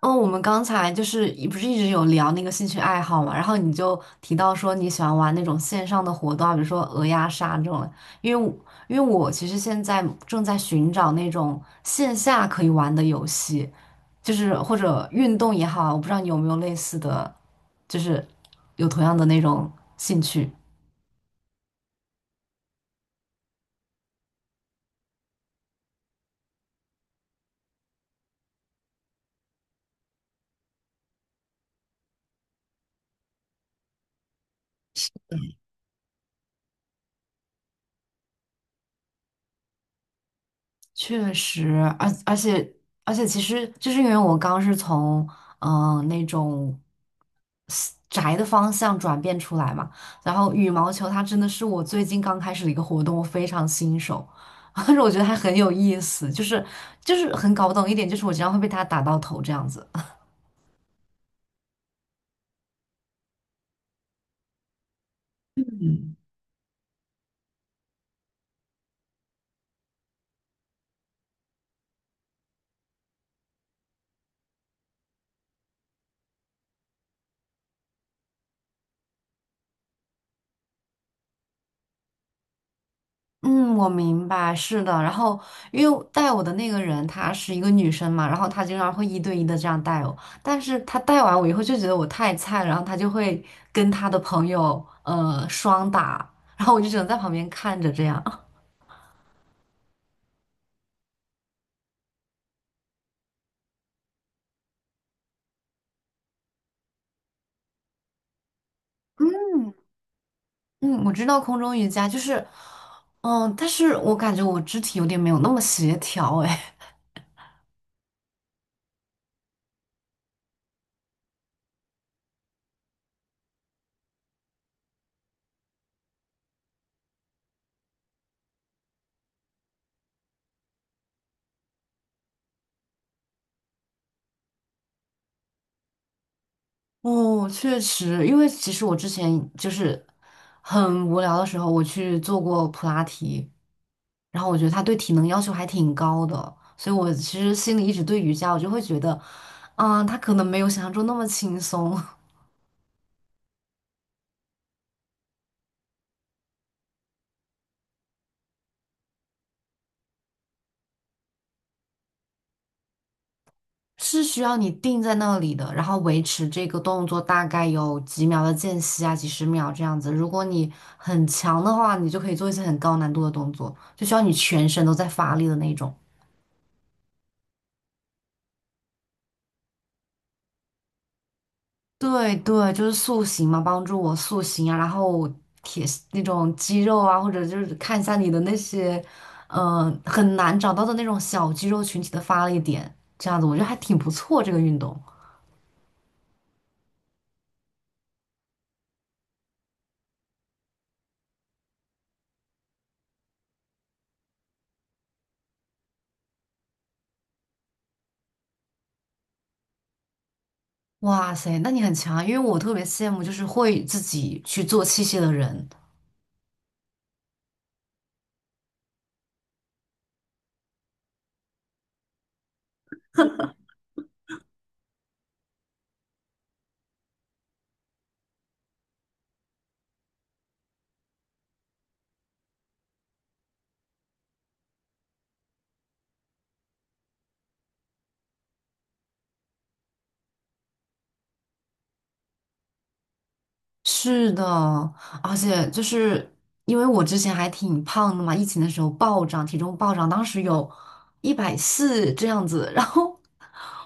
哦，我们刚才是不是一直有聊那个兴趣爱好嘛，然后你就提到说你喜欢玩那种线上的活动啊，比如说鹅鸭杀这种的因为我因为我其实现在正在寻找那种线下可以玩的游戏，就是或者运动也好，我不知道你有没有类似的，就是有同样的那种兴趣。确实，而而且而且，其实就是因为我刚是从那种 宅的方向转变出来嘛，然后羽毛球它真的是我最近刚开始的一个活动，我非常新手，但是我觉得还很有意思，很搞不懂一点，就是我经常会被它打到头这样子。嗯，我明白，是的。然后，因为带我的那个人她是一个女生嘛，然后她经常会一对一的这样带我，但是她带完我以后就觉得我太菜了，然后她就会跟她的朋友双打，然后我就只能在旁边看着这样。嗯，我知道空中瑜伽就是，嗯，但是我感觉我肢体有点没有那么协调，哎。哦，确实，因为其实我之前就是很无聊的时候，我去做过普拉提，然后我觉得他对体能要求还挺高的，所以我其实心里一直对瑜伽，我就会觉得，嗯，他可能没有想象中那么轻松。是需要你定在那里的，然后维持这个动作大概有几秒的间隙啊，几十秒这样子。如果你很强的话，你就可以做一些很高难度的动作，就需要你全身都在发力的那种。对对，就是塑形嘛，帮助我塑形啊，然后铁那种肌肉啊，或者就是看一下你的那些，很难找到的那种小肌肉群体的发力点，这样子我觉得还挺不错这个运动。哇塞，那你很强啊，因为我特别羡慕就是会自己去做器械的人。是的，而且就是因为我之前还挺胖的嘛，疫情的时候暴涨，体重暴涨，当时有140这样子。然后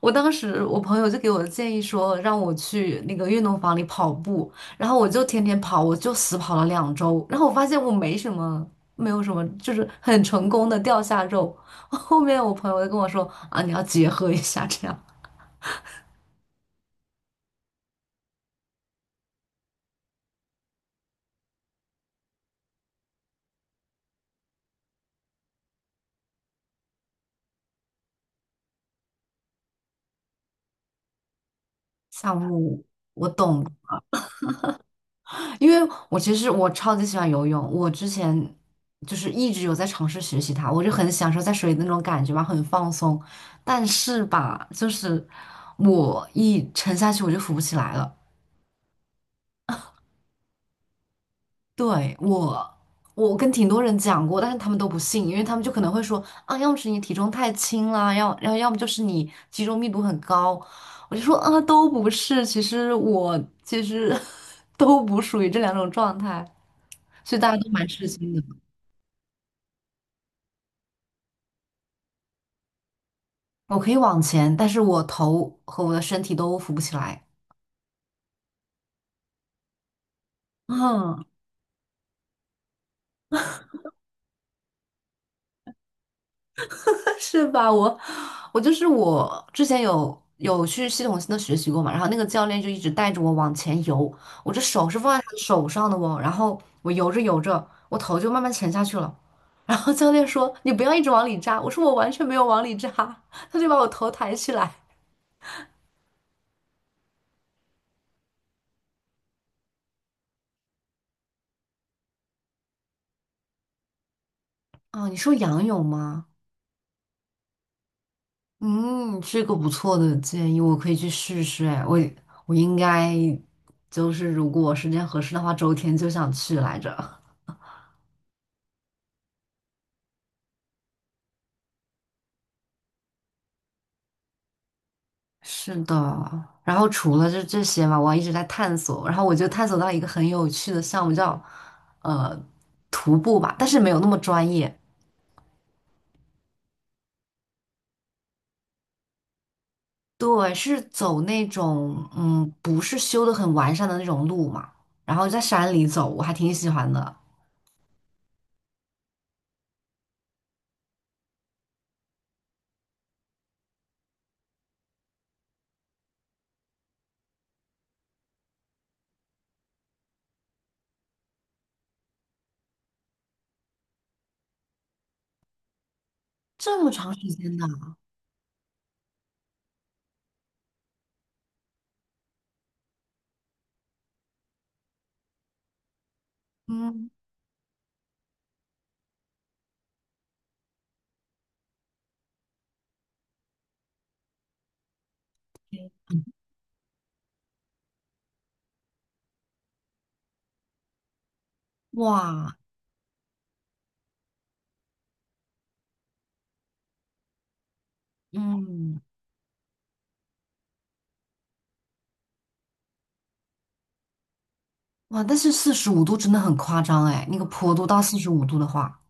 我当时我朋友就给我的建议说，让我去那个运动房里跑步，然后我就天天跑，我就死跑了2周，然后我发现我没什么，没有什么，就是很成功的掉下肉。后面我朋友就跟我说啊，你要结合一下这样项目。因为我其实超级喜欢游泳，我之前就是一直有在尝试学习它，我就很享受在水里的那种感觉吧，很放松。但是吧，就是我一沉下去我就浮不起来了。对，我，我跟挺多人讲过，但是他们都不信，因为他们就可能会说啊，要么是你体重太轻啦，要么就是你肌肉密度很高。我就说啊，都不是，其实我 都不属于这两种状态，所以大家都蛮吃惊的。我可以往前，但是我头和我的身体都扶不起来。嗯。是吧？我就是我之前有去系统性的学习过嘛，然后那个教练就一直带着我往前游，我这手是放在他的手上的哦，然后我游着游着，我头就慢慢沉下去了。然后教练说："你不要一直往里扎。"我说："我完全没有往里扎。"他就把我头抬起来。啊，你说仰泳吗？嗯，这个不错的建议，我可以去试试。哎，我应该就是如果时间合适的话，周天就想去来着。是的，然后除了这些嘛，我还一直在探索，然后我就探索到一个很有趣的项目叫呃徒步吧，但是没有那么专业。对，是走那种不是修的很完善的那种路嘛，然后在山里走，我还挺喜欢的。这么长时间的。嗯。哇。嗯。哇，但是四十五度真的很夸张哎，那个坡度到四十五度的话，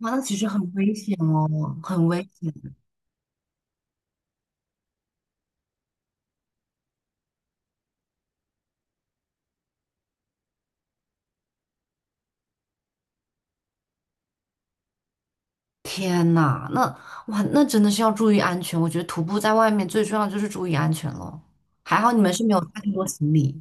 哇，那其实很危险哦，很危险。天呐，那，哇，那真的是要注意安全。我觉得徒步在外面最重要的就是注意安全咯。还好你们是没有太多行李。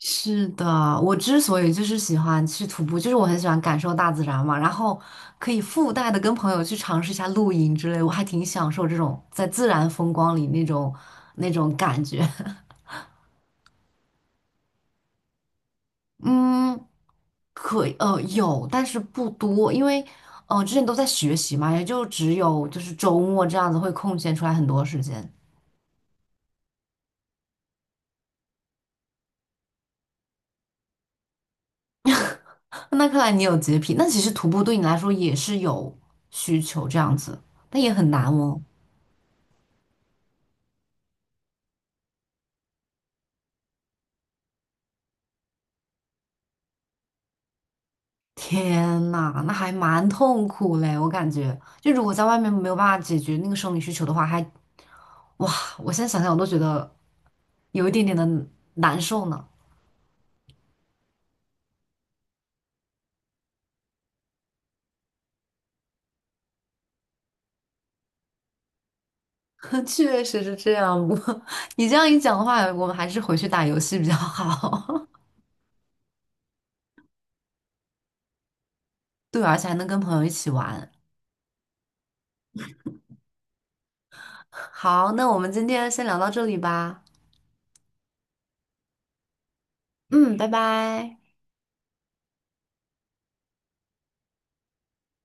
是的，我之所以就是喜欢去徒步，就是我很喜欢感受大自然嘛，然后可以附带的跟朋友去尝试一下露营之类，我还挺享受这种在自然风光里那种感觉。嗯，可以，有，但是不多，因为，之前都在学习嘛，也就只有就是周末这样子会空闲出来很多时间。那看来你有洁癖，那其实徒步对你来说也是有需求这样子，但也很难哦。天呐，那还蛮痛苦嘞，我感觉，就如果在外面没有办法解决那个生理需求的话，还，哇，我现在想想我都觉得有一点点的难受呢。确实是这样，不过你这样一讲的话，我们还是回去打游戏比较好。对，而且还能跟朋友一起玩。好，那我们今天先聊到这里吧。嗯，拜拜。